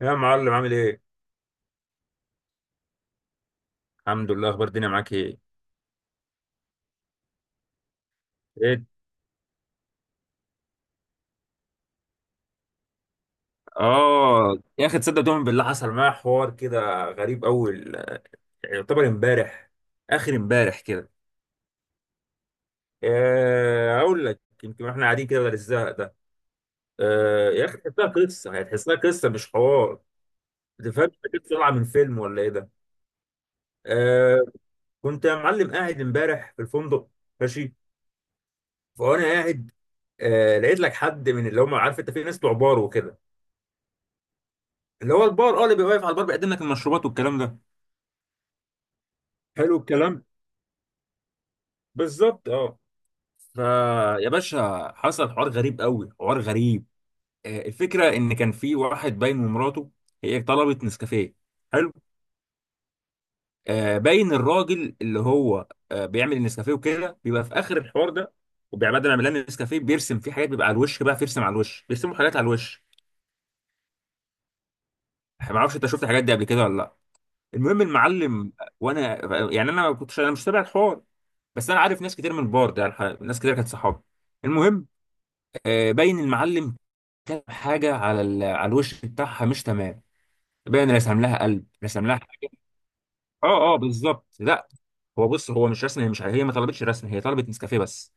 يا معلم عامل ايه؟ الحمد لله. اخبار الدنيا معاك ايه؟ ايه. اه، يا اخي تصدق تؤمن بالله حصل معايا حوار كده غريب، اول يعتبر امبارح، اخر امبارح كده. اقول لك يمكن احنا قاعدين كده بدل الزهق ده. يا اخي تحسها قصه، يعني تحسها قصه مش حوار. ما تفهمش كده طالعه من فيلم ولا ايه ده؟ آه، كنت يا معلم قاعد امبارح في الفندق، ماشي، فانا قاعد. لقيت لك حد من اللي هم، عارف انت في ناس بتوع بار وكده، اللي هو البار، اه، اللي بيبقى واقف على البار بيقدم لك المشروبات والكلام ده. حلو الكلام، بالظبط اه. فيا باشا حصل حوار غريب قوي، حوار غريب. الفكره ان كان في واحد باين ومراته، هي طلبت نسكافيه. حلو. باين الراجل اللي هو بيعمل النسكافيه وكده، بيبقى في اخر الحوار ده، وبيبقى بدل ما يعمل لنا النسكافيه بيرسم فيه حاجات، بيبقى على الوش بقى، بيرسم على الوش، بيرسموا حاجات على الوش. ما اعرفش انت شفت الحاجات دي قبل كده ولا لا. المهم المعلم، وانا يعني انا ما كنتش، انا مش تابع الحوار، بس انا عارف ناس كتير من البار ده، يعني ناس كتير كانت صحابي. المهم، باين المعلم كتب حاجه على على الوش بتاعها مش تمام. باين رسم لها قلب، رسم لها حاجة. اه اه بالظبط، لا، هو بص، هو مش رسم، هي مش، هي ما طلبتش رسم، هي طلبت نسكافيه بس.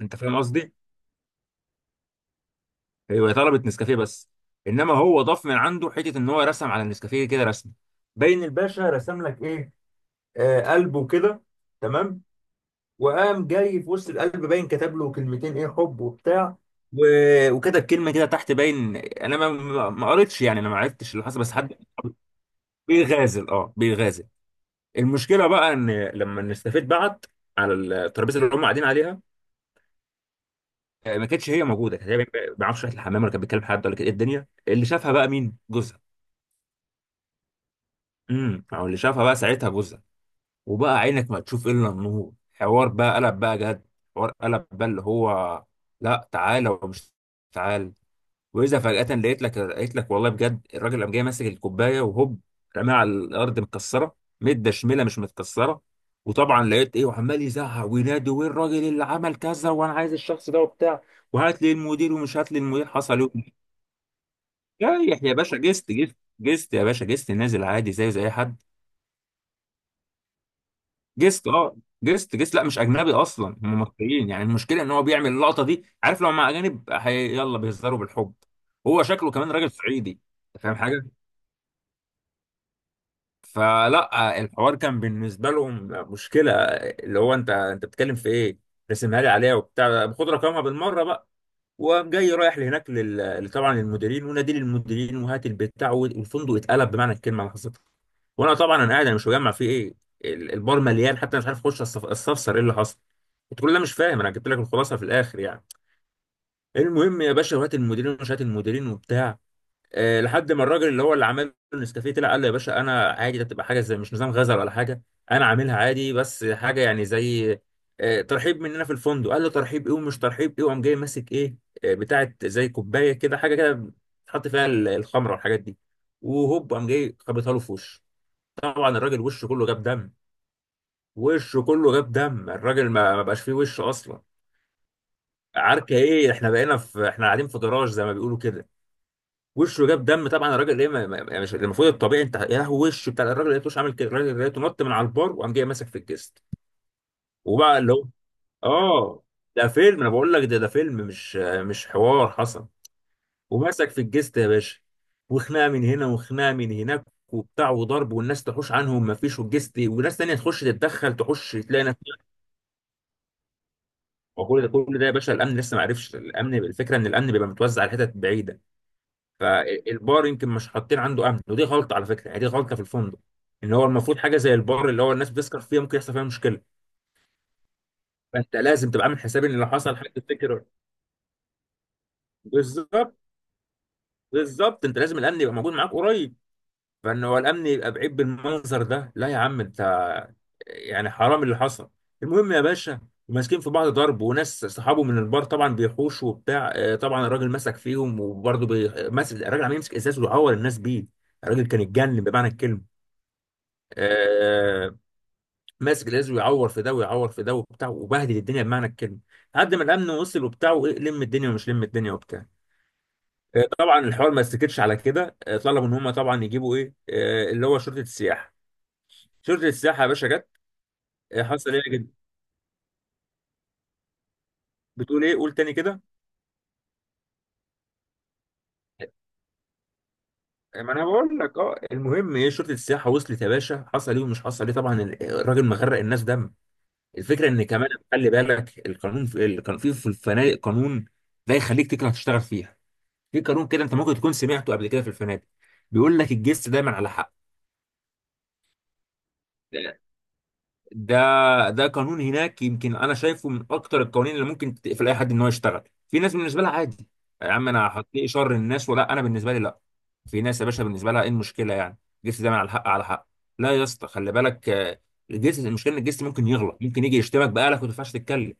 انت فاهم قصدي؟ ايوه، هي طلبت نسكافيه بس، انما هو ضاف من عنده حته ان هو رسم على النسكافيه كده رسم. باين الباشا رسم لك ايه؟ قلبه كده، تمام. وقام جاي في وسط القلب باين كتب له كلمتين، ايه، حب وبتاع و... وكتب كلمه كده تحت، باين انا ما قريتش، يعني انا ما عرفتش اللي حصل، بس حد بيغازل. المشكله بقى ان لما الاستافيت بعت على الترابيزه اللي هم قاعدين عليها، ما كانتش هي موجوده، كانت هي ما بيعرفش راحت الحمام ولا كانت بتكلم حد ولا كانت ايه الدنيا، اللي شافها بقى مين؟ جوزها. او اللي شافها بقى ساعتها جوزها، وبقى عينك ما تشوف الا النور، حوار بقى قلب بقى جد، حوار قلب بقى اللي هو، لا، تعالى ومش تعالى. واذا فجاه لقيت لك والله بجد، الراجل قام جاي ماسك الكوبايه وهوب، رماها على الارض، متكسره مده شميله مش متكسره. وطبعا لقيت ايه، وعمال يزعق وينادي وين الراجل اللي عمل كذا، وانا عايز الشخص ده وبتاع، وهات لي المدير، ومش هات لي المدير، حصل ايه. رايح يا باشا، جست جست جست يا باشا، جست نازل عادي زيه زي اي حد. جست اه، جست جست، لا مش اجنبي اصلا، هم مصريين، يعني المشكله ان هو بيعمل اللقطه دي، عارف، لو مع اجانب يلا بيهزروا بالحب، هو شكله كمان راجل صعيدي. أنت فاهم حاجه؟ فلا الحوار كان بالنسبه لهم مشكله، اللي هو انت بتتكلم في ايه، رسمها لي عليها وبتاع، خد رقمها بالمره بقى. وقام جاي رايح لهناك طبعا للمديرين، ونادي للمديرين وهات البتاع، والفندق اتقلب بمعنى الكلمه اللي حصلت. وانا طبعا انا قاعد، انا مش مجمع فيه ايه، البار مليان، حتى أنا مش عارف اخش استفسر ايه اللي حصل. قلت له لا مش فاهم، انا جبت لك الخلاصه في الاخر يعني. المهم يا باشا، وهات المديرين ومش هات المديرين وبتاع، لحد ما الراجل اللي هو اللي عمل النسكافيه طلع قال له يا باشا انا عادي، ده بتبقى حاجه زي، مش نظام غزل ولا حاجه، انا عاملها عادي، بس حاجه يعني زي ترحيب مننا في الفندق. قال له ترحيب ايه ومش ترحيب ايه، وقام جاي ماسك ايه بتاعت زي كوبايه كده حاجه كده تحط فيها الخمره والحاجات دي، وهوب قام جاي خبطها له في وشه. طبعا الراجل وشه كله جاب دم، وشه كله جاب دم، الراجل ما بقاش فيه وش اصلا. عركه ايه، احنا قاعدين في جراج زي ما بيقولوا كده، وشه جاب دم، طبعا الراجل ايه، يعني مش المفروض الطبيعي انت يا هو، وشه بتاع الراجل لقيتوش عامل كده، الراجل لقيته نط من على البار وقام جاي ماسك في الجست، وبقى اللي هو، اه، ده فيلم انا بقول لك، ده فيلم، مش حوار حصل. وماسك في الجست يا باشا، وخناقه من هنا وخناقه من هناك وبتاع وضرب، والناس تحوش عنهم ما فيش، والجست، وناس تانية تخش تتدخل، تخش تلاقي ناس. وكل ده كل ده يا باشا الامن لسه ما عرفش. الامن، الفكره ان الامن بيبقى متوزع على حتت بعيده، فالبار يمكن مش حاطين عنده امن، ودي غلطه على فكره، يعني دي غلطه في الفندق، ان هو المفروض حاجه زي البار، اللي هو الناس بتسكر فيها، ممكن يحصل فيها مشكله، فانت لازم تبقى عامل حساب ان لو حصل حاجه تفتكر. بالظبط، بالظبط، انت لازم الامن يبقى موجود معاك قريب، فان هو الامن يبقى بعيد بالمنظر ده، لا يا عم انت، يعني حرام اللي حصل. المهم يا باشا، ماسكين في بعض ضرب، وناس صحابه من البار طبعا بيحوشوا وبتاع، طبعا الراجل مسك فيهم، وبرضه ماسك الراجل عمال يمسك ازاز ويعور الناس بيه. الراجل كان اتجنن بمعنى الكلمه، آه، ماسك الازاز ويعور في ده ويعور في ده وبتاع، وبهدل الدنيا بمعنى الكلمه، لحد ما الامن وصل وبتاع، وايه، لم الدنيا ومش لم الدنيا وبتاع. طبعا الحوار ما استكتش على كده، طلبوا ان هم طبعا يجيبوا ايه، اللي هو شرطه السياحه. شرطه السياحه يا باشا جت، حصل ايه يا بتقول ايه قول تاني كده. ما انا بقول لك، اه المهم ايه، شرطه السياحه وصلت يا باشا، حصل ايه ومش حصل ايه، طبعا الراجل مغرق الناس دم. الفكره ان كمان خلي بالك، القانون في كان في في الفنادق قانون لا يخليك، تكره تشتغل فيها. في قانون كده انت ممكن تكون سمعته قبل كده في الفنادق، بيقول لك الجست دايما على حق. ده قانون هناك، يمكن انا شايفه من اكتر القوانين اللي ممكن تقفل اي حد ان هو يشتغل. في ناس بالنسبه لها عادي، يا عم انا هتلاقي شر الناس ولا، انا بالنسبه لي لا. في ناس يا باشا بالنسبه لها ايه المشكله يعني، الجست دايما على الحق، على حق. لا يا اسطى خلي بالك، الجست، المشكله ان الجست ممكن يغلط، ممكن يجي يشتمك بقالك وما تنفعش تتكلم.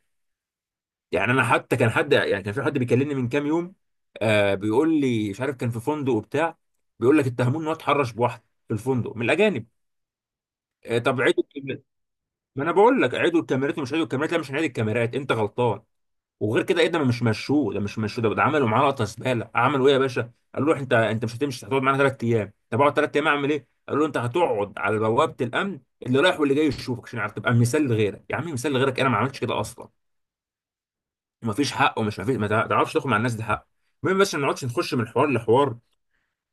يعني انا حتى، كان في حد بيكلمني من كام يوم، بيقول لي مش عارف، كان في فندق وبتاع، بيقول لك اتهموه ان هو اتحرش بواحده في الفندق من الاجانب. طب عيدوا الكاميرات. ما انا بقول لك، عيدوا الكاميرات ومش عيدوا الكاميرات، لا مش هنعيد الكاميرات، انت غلطان، وغير كده ايه، ده ما مش مشوه، ده مش مشوه، ده, ده عملوا معاه لقطه زباله. عملوا ايه يا باشا، قال له انت مش هتمشي، هتقعد معانا ثلاث ايام. طب اقعد ثلاث ايام اعمل ايه، قال له انت هتقعد على بوابه الامن، اللي رايح واللي جاي يشوفك، عشان عارف تبقى مثال لغيرك. يا عم مثال لغيرك، انا ما عملتش كده اصلا، ومفيش حق ومش مفيش، ما تعرفش تاخد مع الناس، ده حق. المهم، بس ما نقعدش نخش من حوار لحوار.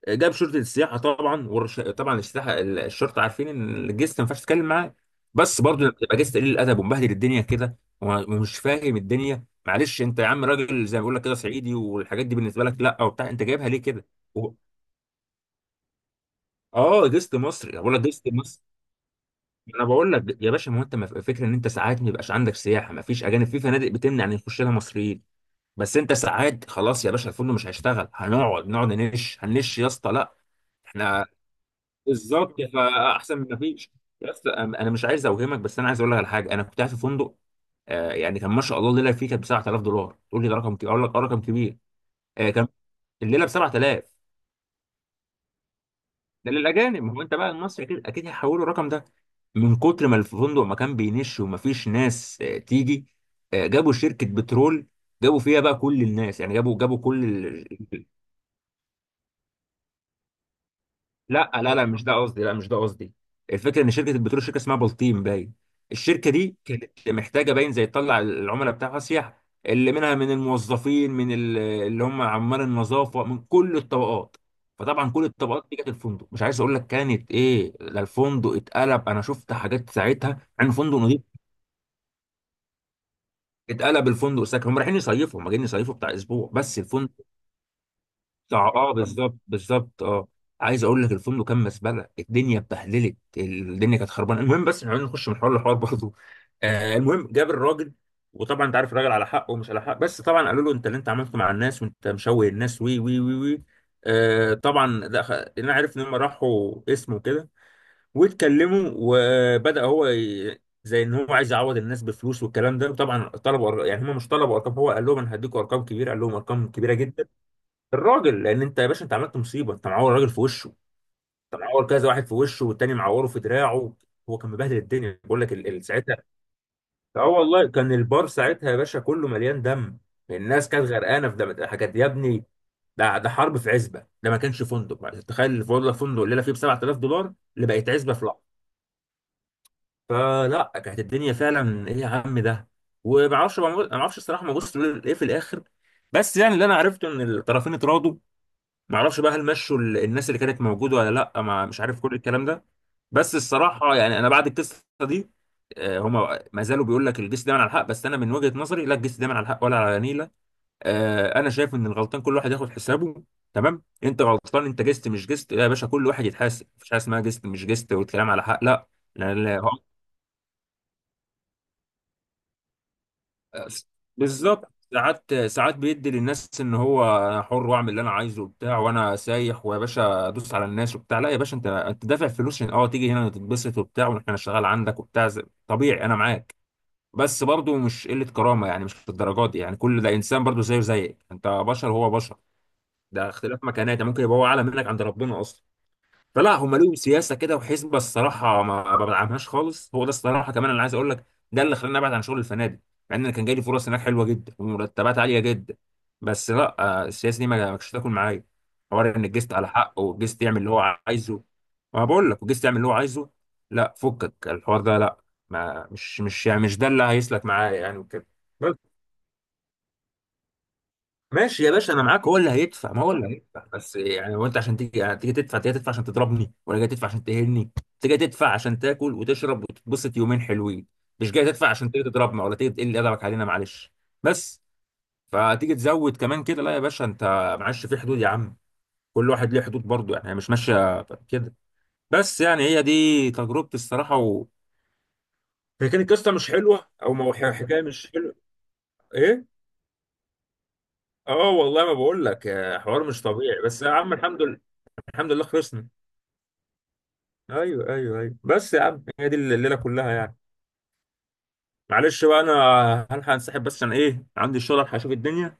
جاب شرطه السياحه طبعا، طبعا السياحه، الشرطه عارفين ان الجست ما ينفعش تتكلم معاه، بس برضه تبقى جست قليل الادب ومبهدل الدنيا كده ومش فاهم الدنيا، معلش انت يا عم، راجل زي ما بيقول لك كده صعيدي، والحاجات دي بالنسبه لك لا وبتاع، انت جايبها ليه كده؟ و... اه جست مصري، أنا بقول لك جست مصري. انا بقول لك يا باشا، ما هو انت فكره ان انت ساعات ما يبقاش عندك سياحه، ما فيش اجانب، في فنادق بتمنع ان يخش لها مصريين، بس انت ساعات خلاص يا باشا، الفندق مش هيشتغل، نقعد هننش يا اسطى، لا، احنا، بالظبط، فاحسن من ما فيش. يا اسطى انا مش عايز اوهمك، بس انا عايز اقول لك على حاجه، انا كنت قاعد في فندق، يعني كان ما شاء الله الليله فيه كانت ب 7000 دولار. تقول لي ده رقم كبير، اقول لك اه رقم كبير. كان الليله ب 7000، ده للاجانب، ما هو انت بقى المصري، اكيد اكيد هيحولوا الرقم ده. من كتر ما الفندق ما كان بينش وما فيش ناس تيجي، جابوا شركه بترول، جابوا فيها بقى كل الناس، يعني جابوا كل، لا لا لا مش ده قصدي، لا مش ده قصدي. الفكره ان شركه البترول، شركه اسمها بلطيم باين، الشركه دي كانت محتاجه باين زي تطلع العملاء بتاعها سياح، اللي منها من الموظفين، من اللي هم عمال النظافه، من كل الطبقات. فطبعا كل الطبقات دي جت الفندق، مش عايز اقول لك كانت ايه، ده الفندق اتقلب، انا شفت حاجات ساعتها عن فندق نظيف، اتقلب الفندق ساكن، هم رايحين يصيفوا، هم جايين يصيفوا بتاع اسبوع بس الفندق، اه، بالظبط بالظبط اه. عايز اقول لك، الفندق كان مزبله، الدنيا اتبهدلت، الدنيا كانت خربانه. المهم بس عايزين نخش من حوار لحوار برضه. المهم جاب الراجل، وطبعا انت عارف الراجل على حق ومش على حق، بس طبعا قالوا له انت اللي انت عملته مع الناس، وانت مشوه الناس، وي. طبعا ده انا عارف ان هم راحوا اسمه كده، واتكلموا، وبدا هو زي ان هو عايز يعوض الناس بفلوس والكلام ده، وطبعا طلبوا يعني هم مش طلبوا ارقام، هو قال لهم انا هديكم ارقام كبيره، قال لهم ارقام كبيره جدا. الراجل، لان انت يا باشا انت عملت مصيبه، انت معور راجل في وشه، انت معور كذا واحد في وشه، والتاني معوره في دراعه، هو كان مبهدل الدنيا، بقول لك ساعتها، اه والله، كان البار ساعتها يا باشا كله مليان دم، الناس كانت غرقانه في دم حاجات يا ابني، ده حرب في عزبه، ده ما كانش فندق، تخيل الفندق، فندق الليله فيه ب 7000 دولار اللي بقت عزبه في لحظه. فلا كانت الدنيا فعلا ايه يا عم ده، وما اعرفش ما اعرفش الصراحه، ما بص ايه في الاخر، بس يعني اللي انا عرفته ان الطرفين اتراضوا. معرفش بقى هل مشوا الناس اللي كانت موجوده ولا لا، ما مش عارف كل الكلام ده، بس الصراحه يعني انا بعد القصه دي، هما ما زالوا بيقول لك الجيش دايما على الحق، بس انا من وجهه نظري لا، الجيش دايما على الحق ولا على نيله. انا شايف ان الغلطان كل واحد ياخد حسابه، تمام، انت غلطان، انت جست مش جست يا باشا، كل واحد يتحاسب، مفيش حاجه اسمها جست مش جست والكلام على حق، لا. لا لا، بالظبط، ساعات، بيدي للناس ان هو انا حر واعمل اللي انا عايزه وبتاع، وانا سايح ويا باشا ادوس على الناس وبتاع، لا يا باشا، انت دافع فلوس عشان اه تيجي هنا تتبسط وبتاع واحنا نشتغل عندك وبتاع طبيعي انا معاك، بس برضه مش قله كرامه، يعني مش للدرجات دي، يعني كل ده انسان برضه زيه زيك، انت بشر هو بشر، ده اختلاف مكانات، يعني ممكن يبقى هو اعلى منك عند ربنا اصلا. فلا هم ليهم سياسه كده وحسبه الصراحه ما بدعمهاش خالص، هو ده الصراحه، كمان انا عايز اقول لك، ده اللي خلاني ابعد عن شغل الفنادق، مع ان أنا كان جاي لي فرص هناك حلوه جدا ومرتبات عاليه جدا، بس لا، السياسه دي ما كانتش تاكل معايا. حوار ان الجست على حقه، والجست يعمل اللي هو عايزه، ما بقول لك، والجست يعمل اللي هو عايزه، لا، فكك الحوار ده لا. ما مش يعني مش ده اللي هيسلك معايا يعني وكده. ماشي يا باشا انا معاك، هو اللي هيدفع، ما هو اللي هيدفع، بس يعني هو انت عشان تيجي، يعني تيجي تدفع، تيجي تدفع عشان تضربني، ولا جاي تدفع عشان تهني؟ انت جاي تدفع عشان تاكل وتشرب وتتبسط يومين حلوين، مش جاي تدفع عشان تيجي تضربنا ولا تيجي تقل ادبك علينا معلش. بس، فتيجي تزود كمان كده، لا يا باشا انت، معلش في حدود يا عم، كل واحد ليه حدود برضه، يعني هي مش ماشيه كده. بس يعني هي دي تجربتي الصراحه هي كانت قصه مش حلوه، او حكايه مش حلوه. ايه، اه والله، ما بقول لك حوار مش طبيعي، بس يا عم الحمد لله، الحمد لله خلصنا. ايوه ايوه ايوه، بس يا عم هي دي الليله كلها يعني. معلش بقى انا هلحق انسحب، بس عشان ايه، عندي الشغل، هلحق اشوف الدنيا.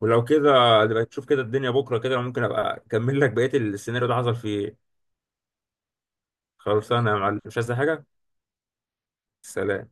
ولو كده نبقى نشوف كده الدنيا بكره كده، ممكن ابقى اكمل لك بقيه السيناريو ده حصل فيه إيه. خلصانه يا معلم، مش عايز حاجه. سلام.